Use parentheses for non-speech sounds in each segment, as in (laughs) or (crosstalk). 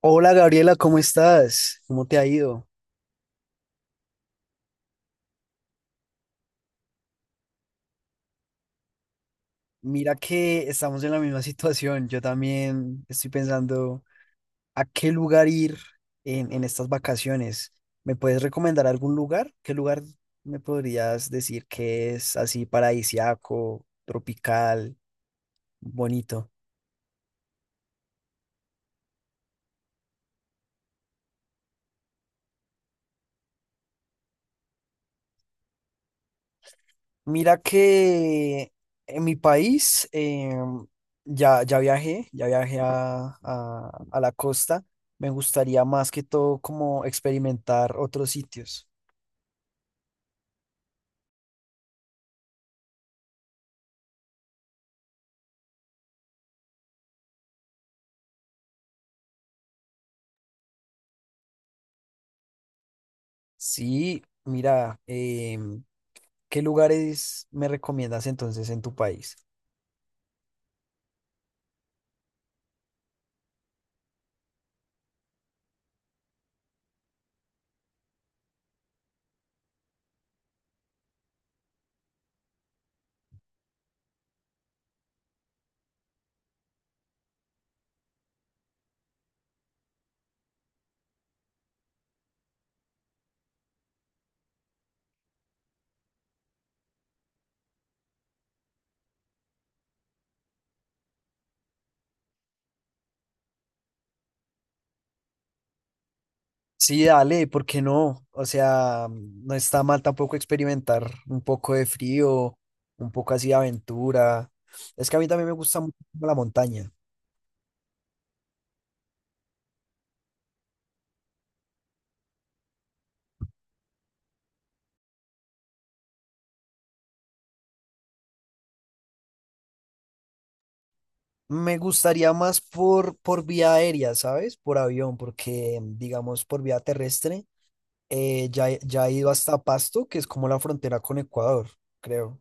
Hola Gabriela, ¿cómo estás? ¿Cómo te ha ido? Mira que estamos en la misma situación. Yo también estoy pensando a qué lugar ir en estas vacaciones. ¿Me puedes recomendar algún lugar? ¿Qué lugar me podrías decir que es así paradisiaco, tropical, bonito? Mira que en mi país ya viajé a la costa. Me gustaría más que todo como experimentar otros sitios. Sí, mira, ¿qué lugares me recomiendas entonces en tu país? Sí, dale, ¿por qué no? O sea, no está mal tampoco experimentar un poco de frío, un poco así de aventura. Es que a mí también me gusta mucho la montaña. Me gustaría más por vía aérea, ¿sabes? Por avión, porque digamos por vía terrestre, ya he ido hasta Pasto, que es como la frontera con Ecuador, creo.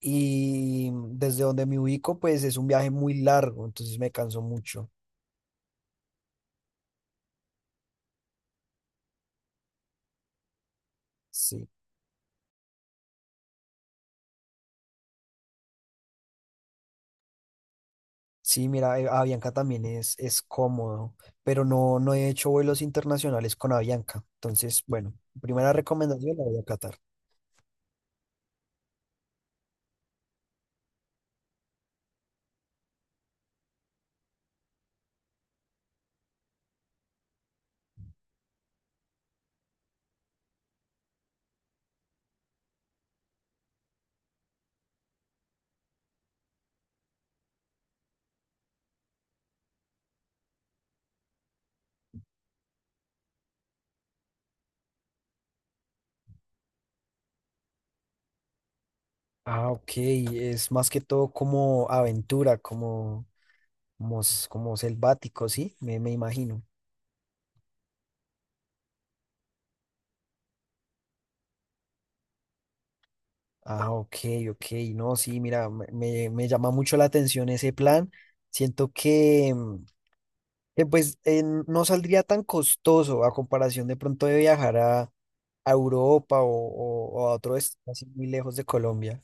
Y desde donde me ubico, pues es un viaje muy largo, entonces me canso mucho. Sí, sí, mira, Avianca también es cómodo, pero no, no he hecho vuelos internacionales con Avianca. Entonces, bueno, primera recomendación la voy a Qatar. Ah, ok, es más que todo como aventura, como selvático, ¿sí? Me imagino. Ah, ok, ok. No, sí, mira, me llama mucho la atención ese plan. Siento que, pues no saldría tan costoso a comparación de pronto de viajar a Europa o a otro destino así muy lejos de Colombia.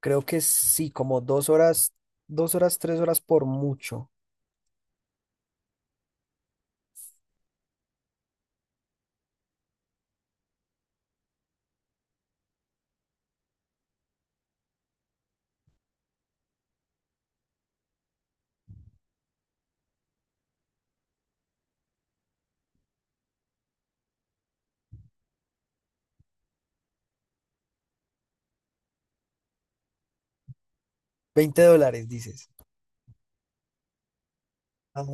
Creo que sí, como 2 horas, 2 horas, 3 horas por mucho. $20, dices. Ah,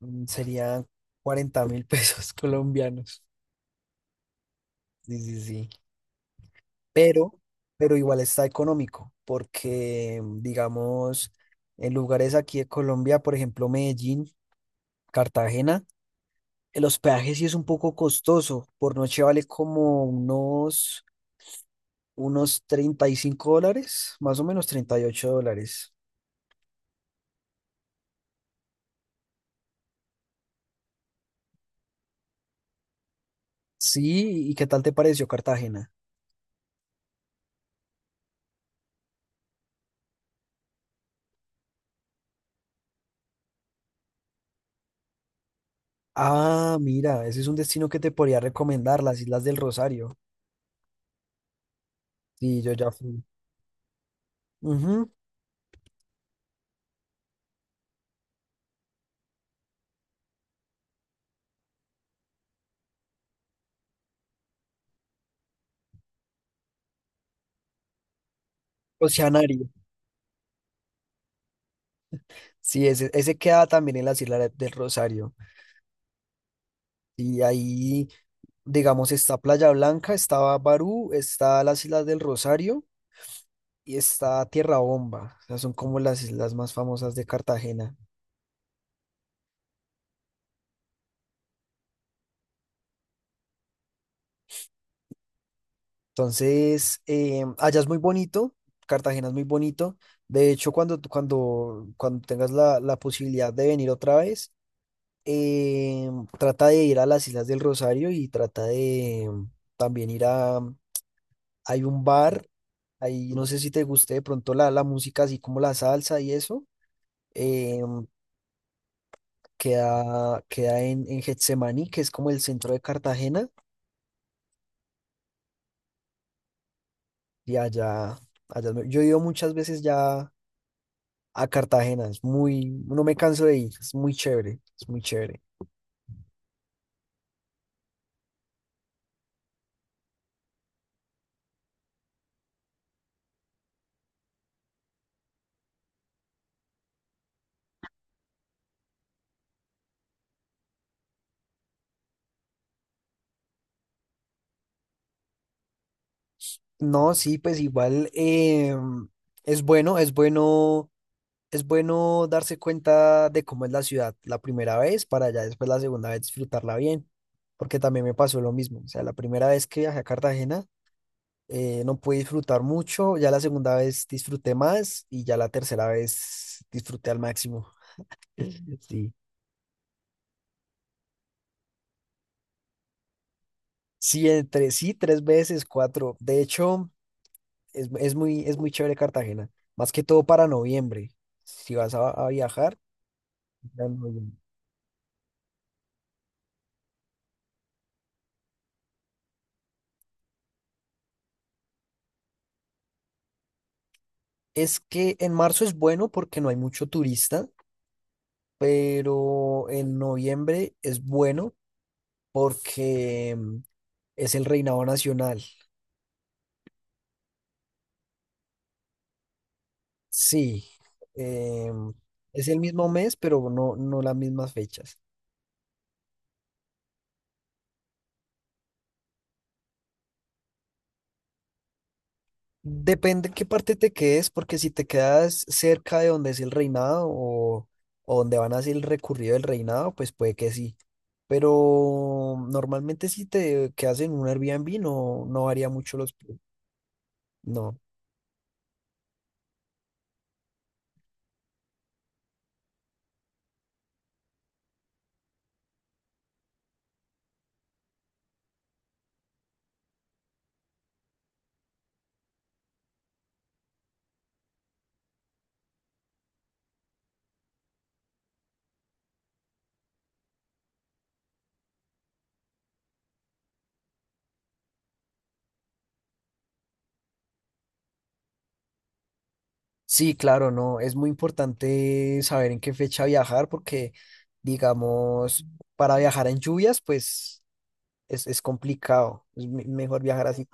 serían 40 mil (laughs) pesos colombianos. Sí, sí, sí. pero, pero igual está económico, porque digamos, en lugares aquí de Colombia, por ejemplo, Medellín, Cartagena, el hospedaje sí es un poco costoso, por noche vale como unos $35, más o menos $38. Sí, ¿y qué tal te pareció Cartagena? Ah, mira, ese es un destino que te podría recomendar, las Islas del Rosario. Sí, yo ya fui. Ujú, Oceanario. Sí, ese queda también en las Islas del Rosario. Y ahí, digamos, está Playa Blanca, está Barú, está las Islas del Rosario y está Tierra Bomba. O sea, son como las islas más famosas de Cartagena. Entonces, allá es muy bonito, Cartagena es muy bonito. De hecho, cuando tengas la posibilidad de venir otra vez, eh, trata de ir a las Islas del Rosario y trata de también ir a... Hay un bar, ahí no sé si te guste de pronto la música, así como la salsa y eso. em, queda en Getsemaní, que es como el centro de Cartagena, y allá, yo he ido muchas veces ya a Cartagena, no me canso de ir, es muy chévere, es muy chévere. No, sí, pues igual es bueno, es bueno, es bueno darse cuenta de cómo es la ciudad la primera vez para ya después la segunda vez disfrutarla bien, porque también me pasó lo mismo, o sea, la primera vez que viajé a Cartagena, no pude disfrutar mucho, ya la segunda vez disfruté más y ya la tercera vez disfruté al máximo. (laughs) Sí. Sí, entre sí, tres veces, cuatro. De hecho, es muy chévere Cartagena, más que todo para noviembre. Si vas a viajar, ya en noviembre. Es que en marzo es bueno porque no hay mucho turista, pero en noviembre es bueno porque es el reinado nacional. Sí, em, es el mismo mes, pero no, no las mismas fechas. Depende en qué parte te quedes, porque si te quedas cerca de donde es el reinado o donde van a ser el recurrido del reinado, pues puede que sí. Pero normalmente si te quedas en un Airbnb no, no varía mucho los. No. Sí, claro, no. Es muy importante saber en qué fecha viajar, porque digamos, para viajar en lluvias, pues es complicado. Mejor viajar así.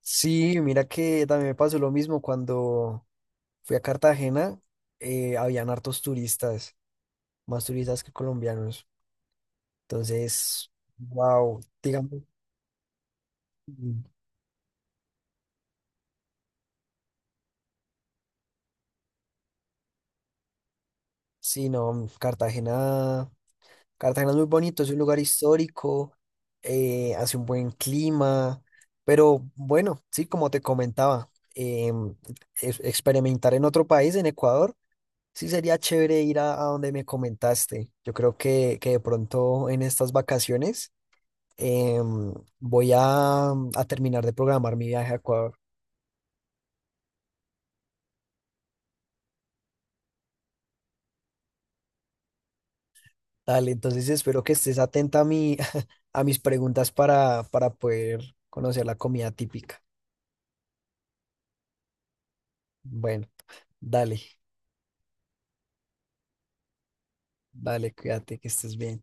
Sí, mira que también me pasó lo mismo cuando fui a Cartagena, habían hartos turistas, más turistas que colombianos. Entonces, wow, digamos, mm, sí, no, Cartagena, Cartagena es muy bonito, es un lugar histórico, hace un buen clima, pero bueno, sí, como te comentaba, experimentar en otro país, en Ecuador. Sí, sería chévere ir a donde me comentaste. Yo creo que de pronto en estas vacaciones em, voy a terminar de programar mi viaje a Ecuador. Dale, entonces espero que estés atenta a mi, (laughs) a mis preguntas para poder conocer la comida típica. Bueno, dale, dale, cuídate, que estés bien.